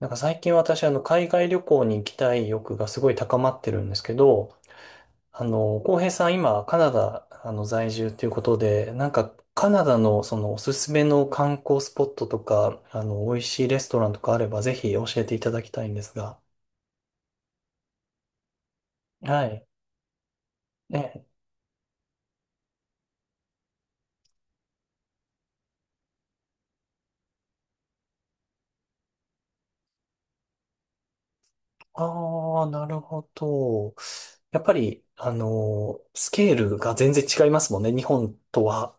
なんか最近私、海外旅行に行きたい欲がすごい高まってるんですけど、浩平さん今、カナダ、在住ということで、なんか、カナダのそのおすすめの観光スポットとか、美味しいレストランとかあれば、ぜひ教えていただきたいんですが。はい。ね。ああ、なるほど。やっぱり、スケールが全然違いますもんね、日本とは。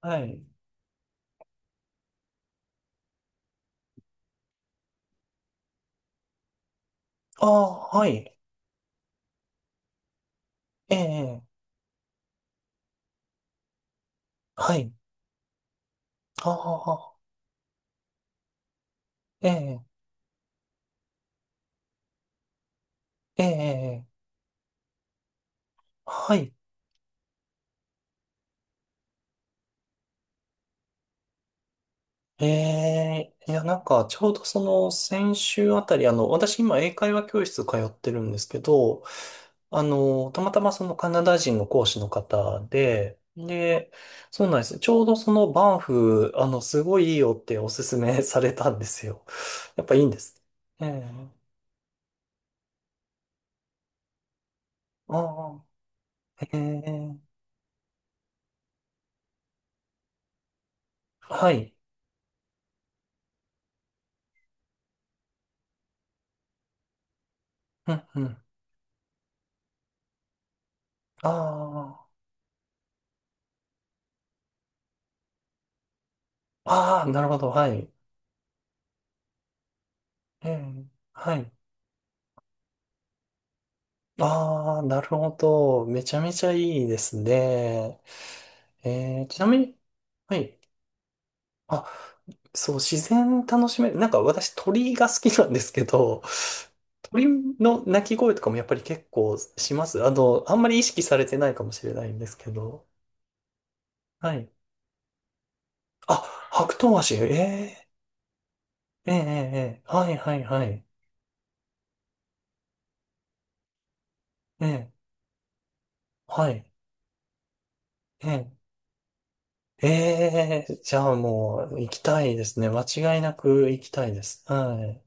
はい。ああ、はい。ええ、はい。ああ、ええ。ええ、ええはい。ええ、いや、なんか、ちょうどその、先週あたり、私今、英会話教室通ってるんですけど、たまたまそのカナダ人の講師の方で、そうなんです。ちょうどそのバンフ、すごいいいよっておすすめ されたんですよ。やっぱいいんです。ええ、ああ、ええ、はい。うん、うん。ああ、ああ、なるほど、はい。ええ、はい。ああ、なるほど。めちゃめちゃいいですね。ちなみに、はい。あ、そう、自然楽しめる。なんか私鳥が好きなんですけど、鳥の鳴き声とかもやっぱり結構します。あんまり意識されてないかもしれないんですけど。はい。あ、白ク足えー、えー、えーはいはいはい。ええはい。ええええじゃあもう行きたいですね。間違いなく行きたいです。はい。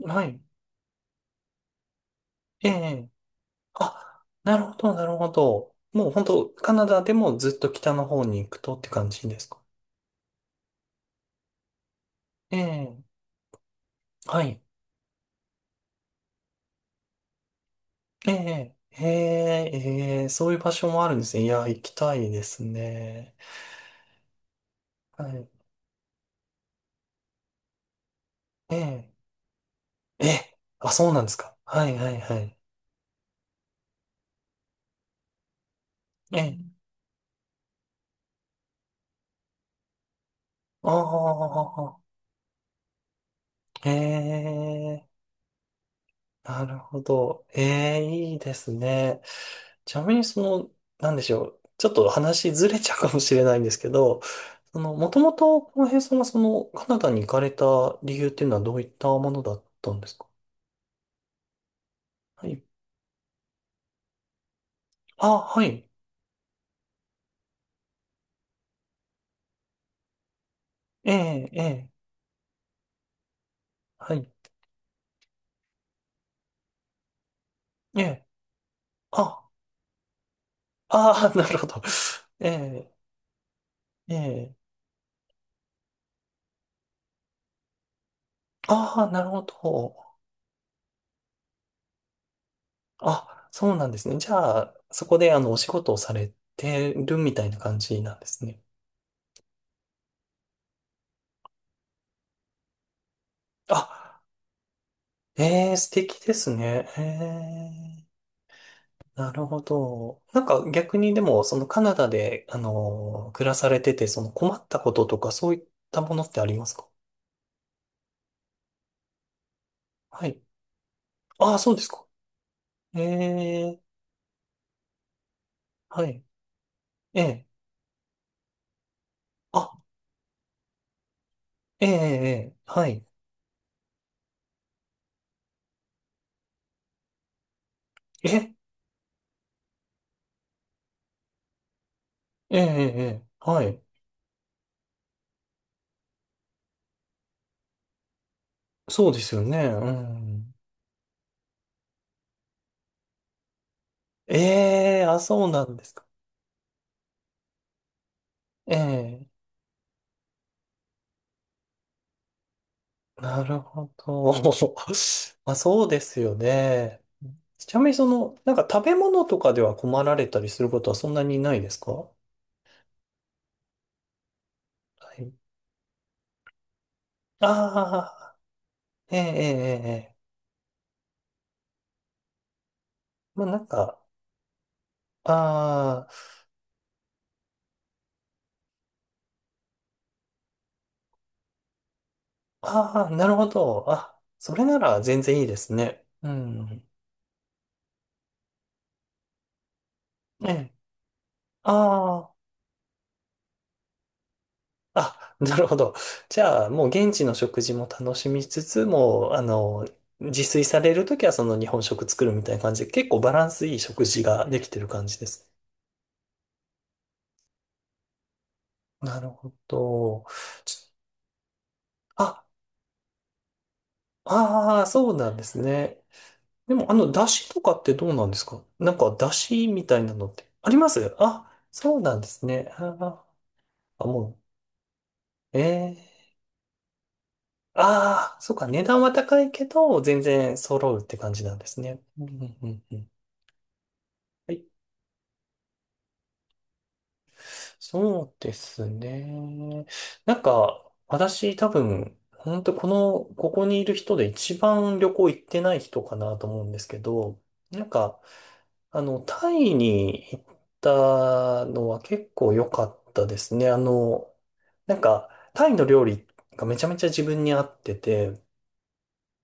はい。ええ。あ、なるほど、なるほど。もう本当、カナダでもずっと北の方に行くとって感じですか？ええ。はい。ええ。へえ、ええ、そういう場所もあるんですね。いや、行きたいですね。はい。ええ。え、あ、そうなんですか。はい、はい、はい。ええ。ああ、ええ。なるほど。ええ、いいですね。ちなみにその、なんでしょう。ちょっと話ずれちゃうかもしれないんですけど、その、もともと、浩平さんがその、カナダに行かれた理由っていうのはどういったものだったんですか？はい。あ、はい。ええ、ええ、はい。ええ、あ、ああ、なるほど。ええ、ええ、ああ、なるほど。あ、そうなんですね。じゃあ、そこで、お仕事をされてるみたいな感じなんですね。あ、ええ、素敵ですね。ええ。なるほど。なんか逆にでも、そのカナダで、暮らされてて、その困ったこととかそういったものってありますか？はい。ああ、そうですか。ええ、はい。ええ、あ、ええ、ええ、はい。え、ええ、ええ、ええはい。そうですよね。うん。ええ、あ、そうなんですか。ええ、なるほど。まあ、そうですよね。ちなみにその、なんか食べ物とかでは困られたりすることはそんなにないですか？はい、ああ、ええ、ええ、ええ。まあ、なんか、ああ、ああ、なるほど。あ、それなら全然いいですね。うん。ええ、ああ、あ、なるほど。じゃあ、もう現地の食事も楽しみつつ、もう、自炊されるときはその日本食作るみたいな感じで、結構バランスいい食事ができてる感じです。なるほど。ちょあ、ああ、そうなんですね。でも、出汁とかってどうなんですか？なんか、出汁みたいなのってあります？あ、そうなんですね。あ、あもう、ええ、ああ、そうか、値段は高いけど、全然揃うって感じなんですね。うんうんうんうん、はい。そうですね。なんか、私多分、本当この、ここにいる人で一番旅行行ってない人かなと思うんですけど、なんか、タイに行ったのは結構良かったですね。なんか、タイの料理がめちゃめちゃ自分に合ってて、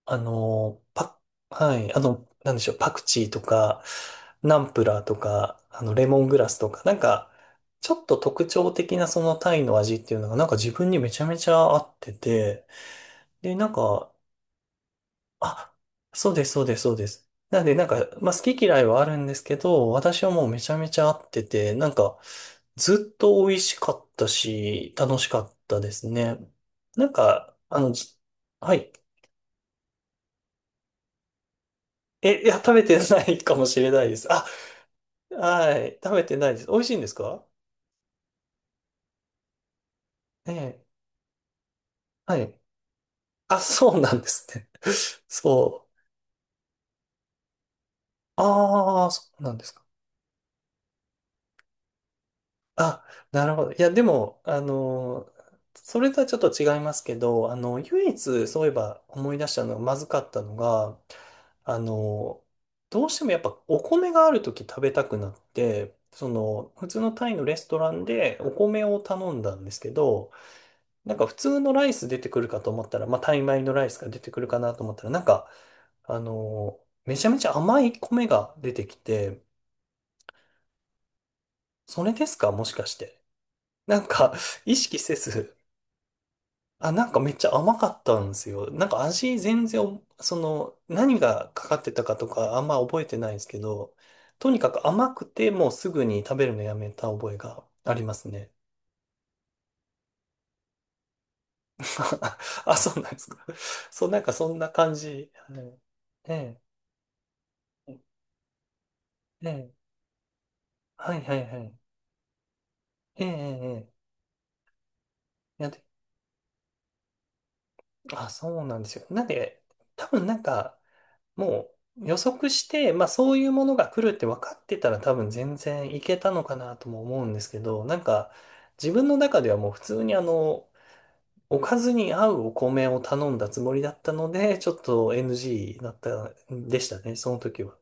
あの、パ、はい、なんでしょう、パクチーとか、ナンプラーとか、レモングラスとか、なんか、ちょっと特徴的なそのタイの味っていうのが、なんか自分にめちゃめちゃ合ってて、で、なんか、あ、そうです、そうです、そうです。なんで、なんか、まあ、好き嫌いはあるんですけど、私はもうめちゃめちゃ合ってて、なんか、ずっと美味しかったし、楽しかったですね。なんか、はい。え、いや、食べてないかもしれないです。あ、はい。食べてないです。美味しいんですか？ええ。はい。あ、そうなんですね。そう。ああ、そうなんですか。あ、なるほど。いや、でも、それとはちょっと違いますけど、唯一、そういえば思い出したのがまずかったのが、あのどうしてもやっぱお米があるとき食べたくなって、その、普通のタイのレストランでお米を頼んだんですけど、なんか普通のライス出てくるかと思ったら、まあ、タイ米のライスが出てくるかなと思ったら、なんか、めちゃめちゃ甘い米が出てきて、それですかもしかして。なんか、意識せず、あ、なんかめっちゃ甘かったんですよ。なんか味全然お、その、何がかかってたかとかあんま覚えてないんですけど、とにかく甘くてもうすぐに食べるのやめた覚えがありますね。あ、そうなんですか。そう、なんかそんな感じ。はい、ええ。ええはいはいはい。ええええ。ええ、なんで、あ、そうなんですよ。なんで、多分なんか、もう予測して、まあそういうものが来るって分かってたら多分全然いけたのかなとも思うんですけど、なんか自分の中ではもう普通におかずに合うお米を頼んだつもりだったので、ちょっと NG だったんでしたね、その時は。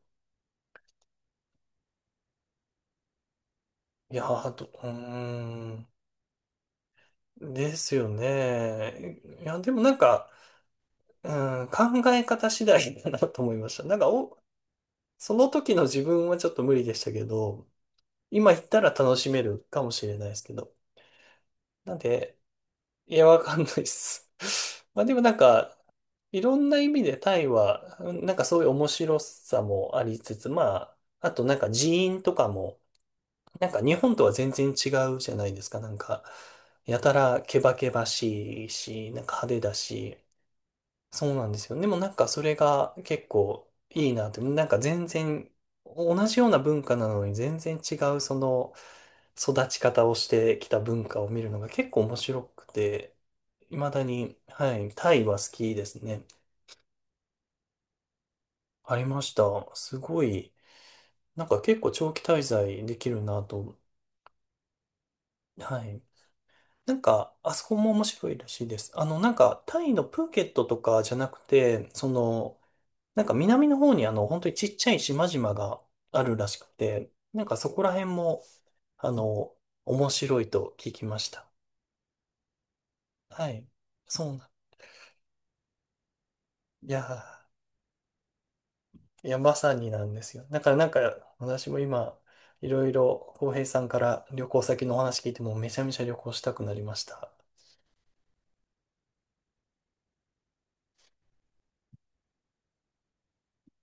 いやー、あと、うーん、ですよね。いや、でもなんか、うん、考え方次第だなと思いました。なんかお、その時の自分はちょっと無理でしたけど、今行ったら楽しめるかもしれないですけど。なんで、いや、わかんないです。まあでもなんか、いろんな意味でタイは、うん、なんかそういう面白さもありつつ、まあ、あとなんか人員とかも、なんか日本とは全然違うじゃないですか。なんか、やたらケバケバしいし、なんか派手だし、そうなんですよ。でもなんかそれが結構いいなって、なんか全然同じような文化なのに全然違うその育ち方をしてきた文化を見るのが結構面白くて、未だに、はい、タイは好きですね。ありました。すごい、なんか結構長期滞在できるなと。はい。なんか、あそこも面白いらしいです。なんか、タイのプーケットとかじゃなくて、その、なんか南の方に本当にちっちゃい島々があるらしくて、なんかそこら辺も、あの、面白いと聞きました。はい。そうなん。いやー、いや、まさになんですよ。だからなんか、私も今、いろいろ、浩平さんから旅行先のお話聞いても、めちゃめちゃ旅行したくなりました。